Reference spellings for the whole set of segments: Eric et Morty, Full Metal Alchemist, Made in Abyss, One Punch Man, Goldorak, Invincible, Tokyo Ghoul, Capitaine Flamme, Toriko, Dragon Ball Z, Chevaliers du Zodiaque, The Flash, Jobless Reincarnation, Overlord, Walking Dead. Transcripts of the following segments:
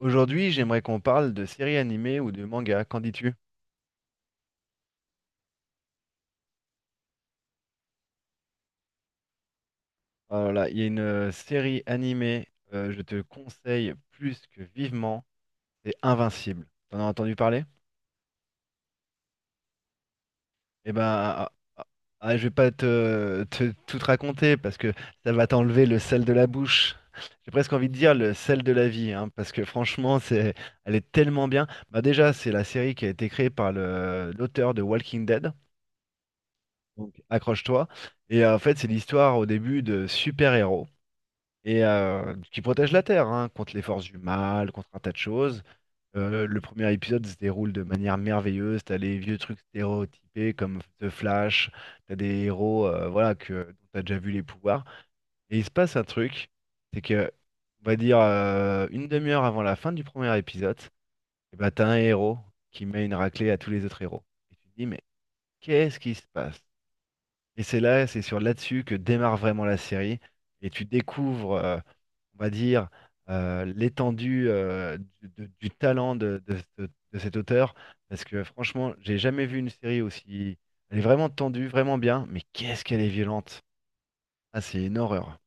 Aujourd'hui, j'aimerais qu'on parle de séries animées ou de mangas. Qu'en dis-tu? Oh là là, il y a une série animée, je te conseille plus que vivement, c'est Invincible. T'en as entendu parler? Eh ben, ah, ah, ah, ah, je vais pas tout te raconter parce que ça va t'enlever le sel de la bouche. J'ai presque envie de dire le sel de la vie, hein, parce que franchement, elle est tellement bien. Bah déjà, c'est la série qui a été créée par l'auteur de Walking Dead. Donc accroche-toi. Et en fait, c'est l'histoire au début de super-héros. Et qui protège la Terre, hein, contre les forces du mal, contre un tas de choses. Le premier épisode se déroule de manière merveilleuse. T'as les vieux trucs stéréotypés comme The Flash, t'as des héros, voilà, dont t'as déjà vu les pouvoirs. Et il se passe un truc, c'est que, on va dire, une demi-heure avant la fin du premier épisode, et bah, t'as un héros qui met une raclée à tous les autres héros. Et tu te dis, mais qu'est-ce qui se passe? Et c'est sur là-dessus que démarre vraiment la série. Et tu découvres, on va dire, l'étendue, du talent de cet auteur. Parce que franchement, j'ai jamais vu une série aussi. Elle est vraiment tendue, vraiment bien. Mais qu'est-ce qu'elle est violente. Ah, c'est une horreur.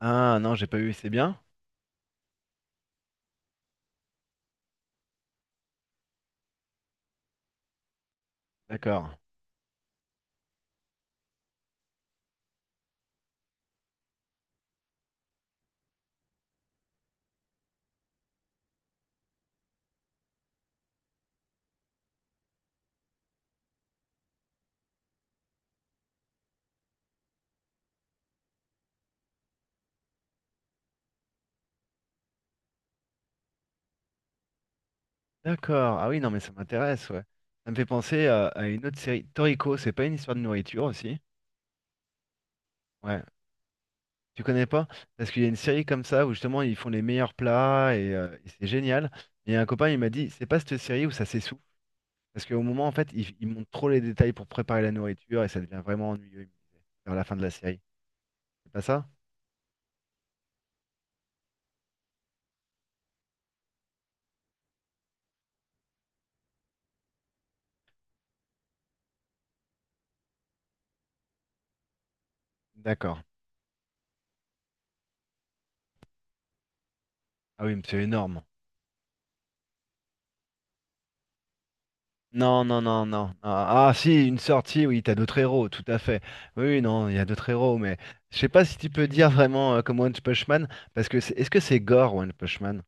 Ah non, j'ai pas eu, c'est bien? D'accord. D'accord. Ah oui, non, mais ça m'intéresse, ouais. Ça me fait penser à une autre série. Toriko, c'est pas une histoire de nourriture aussi? Ouais. Tu connais pas? Parce qu'il y a une série comme ça où justement ils font les meilleurs plats et c'est génial. Et un copain il m'a dit, c'est pas cette série où ça s'essouffle. Parce qu'au moment en fait ils montrent trop les détails pour préparer la nourriture et ça devient vraiment ennuyeux, il me disait, vers la fin de la série. C'est pas ça? D'accord. Ah oui, mais c'est énorme. Non, non, non, non. Ah, ah, si, une sortie, oui, t'as d'autres héros, tout à fait. Oui, oui, non, il y a d'autres héros, mais je sais pas si tu peux dire vraiment, comme One Punch Man, parce que est-ce que c'est gore One Punch Man?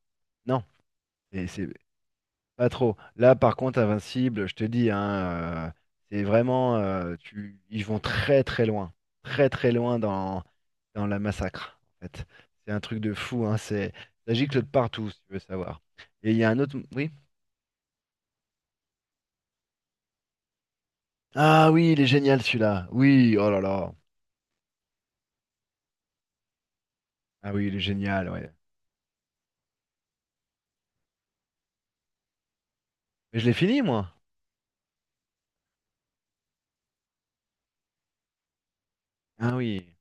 Non. Et c'est- Pas trop. Là, par contre, Invincible, je te dis, hein, c'est vraiment, ils vont très très loin dans la massacre. En fait, c'est un truc de fou. Hein, ça gicle de partout, si tu veux savoir. Et il y a un autre, oui. Ah oui, il est génial celui-là. Oui, oh là là. Ah oui, il est génial, ouais. Mais je l'ai fini moi. Ah oui.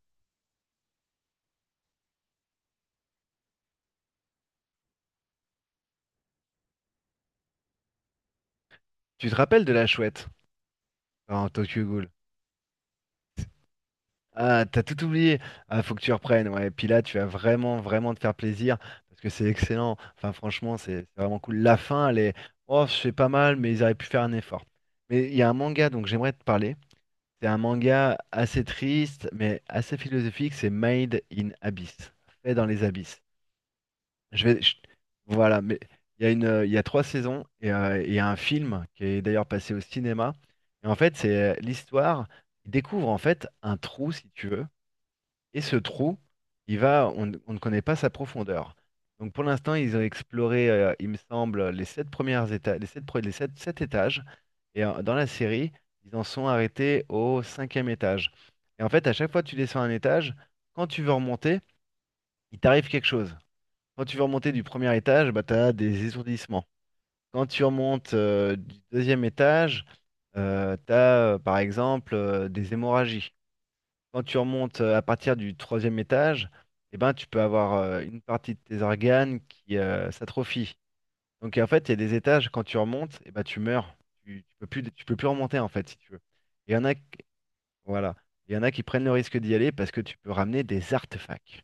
Tu te rappelles de la chouette dans Tokyo Ghoul? Ah, t'as tout oublié. Ah, faut que tu reprennes, ouais. Et puis là, tu vas vraiment, vraiment te faire plaisir parce que c'est excellent. Enfin, franchement, c'est vraiment cool. La fin, elle est, oh, c'est pas mal, mais ils auraient pu faire un effort. Mais il y a un manga, donc j'aimerais te parler. C'est un manga assez triste, mais assez philosophique. C'est Made in Abyss, fait dans les abysses. Je vais, je- voilà. Mais il y a trois saisons et il y a un film qui est d'ailleurs passé au cinéma. Et en fait, c'est l'histoire. Ils découvrent en fait un trou, si tu veux. Et ce trou, il va, on ne connaît pas sa profondeur. Donc pour l'instant, ils ont exploré, il me semble, sept étages. Et dans la série, ils en sont arrêtés au cinquième étage. Et en fait, à chaque fois que tu descends un étage, quand tu veux remonter, il t'arrive quelque chose. Quand tu veux remonter du premier étage, bah, tu as des étourdissements. Quand tu remontes, du deuxième étage, tu as, par exemple, des hémorragies. Quand tu remontes, à partir du troisième étage, eh ben, tu peux avoir, une partie de tes organes qui, s'atrophie. Donc en fait, il y a des étages, quand tu remontes, eh ben, tu meurs. Tu peux plus remonter en fait, si tu veux. Il y en a. Voilà. Il y en a qui prennent le risque d'y aller parce que tu peux ramener des artefacts.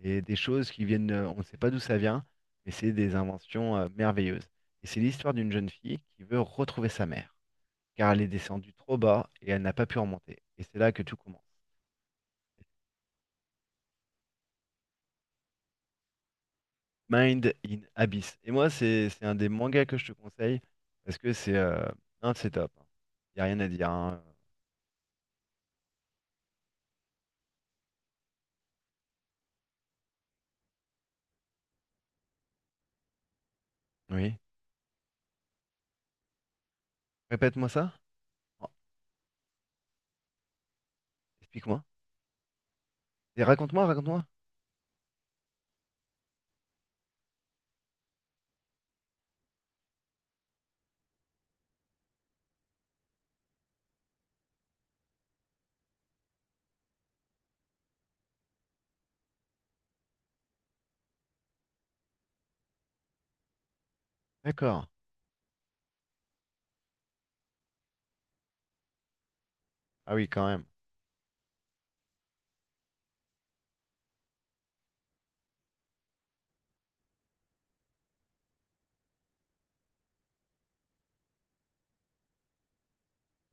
Et des choses qui viennent, on ne sait pas d'où ça vient, mais c'est des inventions, merveilleuses. Et c'est l'histoire d'une jeune fille qui veut retrouver sa mère, car elle est descendue trop bas et elle n'a pas pu remonter. Et c'est là que tout commence. Mind in Abyss. Et moi, c'est un des mangas que je te conseille parce que c'est non, c'est top. Il y a rien à dire. Hein. Oui. Répète-moi ça. Oh, explique-moi. Et raconte-moi, raconte-moi. D'accord. Ah oui, quand même.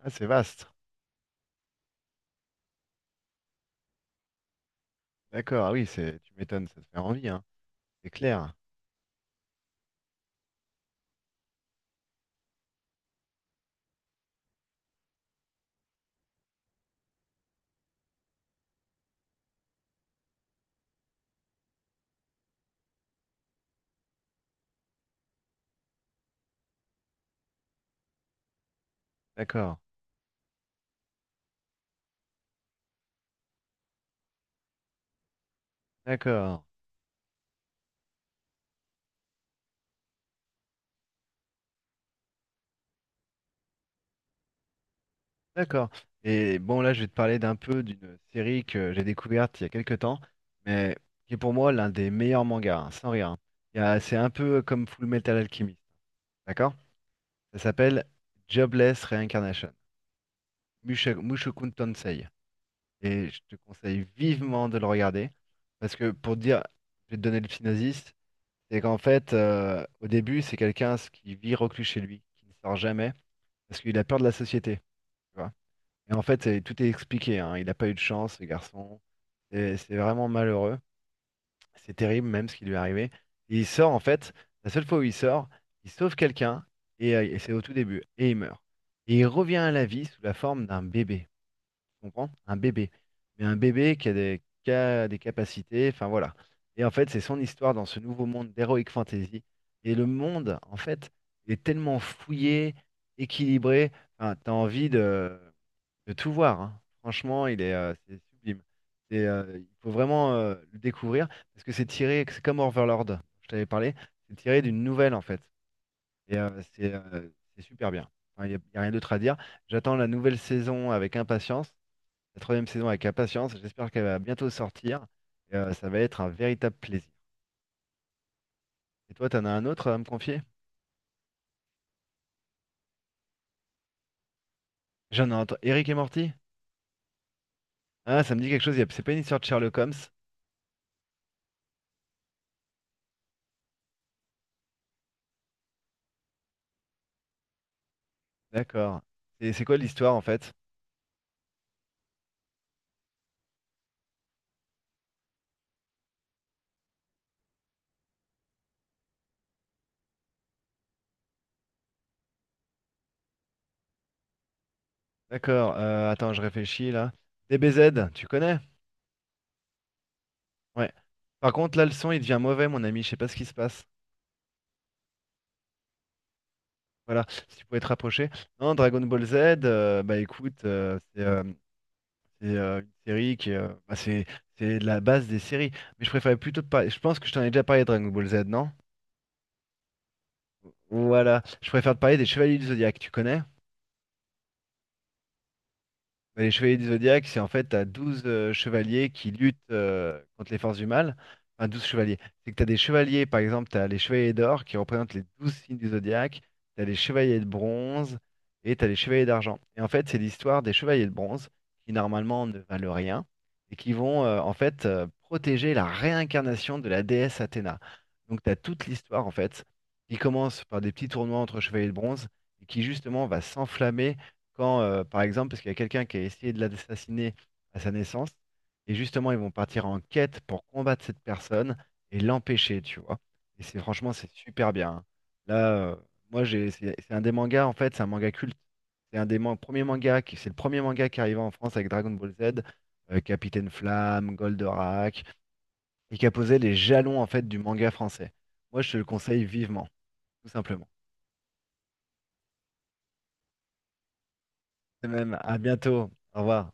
Ah, c'est vaste. D'accord. Ah oui, c'est tu m'étonnes, ça te fait envie, hein. C'est clair. D'accord. D'accord. D'accord. Et bon, là, je vais te parler d'un peu d'une série que j'ai découverte il y a quelques temps, mais qui est pour moi l'un des meilleurs mangas, hein, sans rien. C'est un peu comme Full Metal Alchemist. D'accord? Ça s'appelle Jobless Reincarnation, Mushoku Tensei. Et je te conseille vivement de le regarder. Parce que pour te dire, je vais te donner le synopsis, c'est qu'en fait, au début, c'est quelqu'un qui vit reclus chez lui, qui ne sort jamais, parce qu'il a peur de la société. Tu vois. Et en fait, tout est expliqué, hein. Il n'a pas eu de chance, ce garçon. Et c'est vraiment malheureux. C'est terrible même ce qui lui est arrivé. Et il sort en fait, la seule fois où il sort, il sauve quelqu'un, et c'est au tout début, et il meurt. Et il revient à la vie sous la forme d'un bébé. Tu comprends? Un bébé. Mais un bébé qui a des capacités, enfin voilà. Et en fait, c'est son histoire dans ce nouveau monde d'heroic fantasy. Et le monde, en fait, il est tellement fouillé, équilibré, enfin, t'as envie de tout voir, hein. Franchement, c'est sublime. Il faut vraiment, le découvrir parce que c'est comme Overlord, je t'avais parlé, c'est tiré d'une nouvelle en fait. Et euh, c'est euh, c'est super bien. Enfin, il y a rien d'autre à dire. J'attends la nouvelle saison avec impatience, la troisième saison avec impatience. J'espère qu'elle va bientôt sortir. Et ça va être un véritable plaisir. Et toi, t'en as un autre à me confier? J'en ai entendu. Eric et Morty? Ah, ça me dit quelque chose. C'est pas une histoire de Sherlock Holmes? D'accord. Et c'est quoi l'histoire en fait? D'accord, attends, je réfléchis là. DBZ, tu connais? Ouais. Par contre, là, le son, il devient mauvais, mon ami. Je sais pas ce qui se passe. Voilà, si tu pouvais te rapprocher. Non, Dragon Ball Z, bah écoute, une série qui bah, c'est de la base des séries. Mais je préférais plutôt te parler. Je pense que je t'en ai déjà parlé de Dragon Ball Z, non? Voilà, je préfère te parler des Chevaliers du Zodiaque, tu connais? Bah, les chevaliers du zodiaque, c'est en fait, t'as 12 chevaliers qui luttent, contre les forces du mal. Enfin, 12 chevaliers. C'est que t'as des chevaliers, par exemple, t'as les chevaliers d'or qui représentent les 12 signes du zodiaque, t'as les chevaliers de bronze et t'as les chevaliers d'argent. Et en fait, c'est l'histoire des chevaliers de bronze qui, normalement, ne valent rien et qui vont, en fait, protéger la réincarnation de la déesse Athéna. Donc, t'as toute l'histoire, en fait, qui commence par des petits tournois entre chevaliers de bronze et qui, justement, va s'enflammer quand, par exemple, parce qu'il y a quelqu'un qui a essayé de l'assassiner à sa naissance, et justement, ils vont partir en quête pour combattre cette personne et l'empêcher, tu vois. Et c'est franchement, c'est super bien. Hein. Là, euh, moi, c'est un des mangas, en fait, c'est un manga culte. C'est un des premiers mangas c'est le premier manga qui arrivait en France avec Dragon Ball Z, Capitaine Flamme, Goldorak, et qui a posé les jalons, en fait, du manga français. Moi, je te le conseille vivement, tout simplement. De même, à bientôt. Au revoir.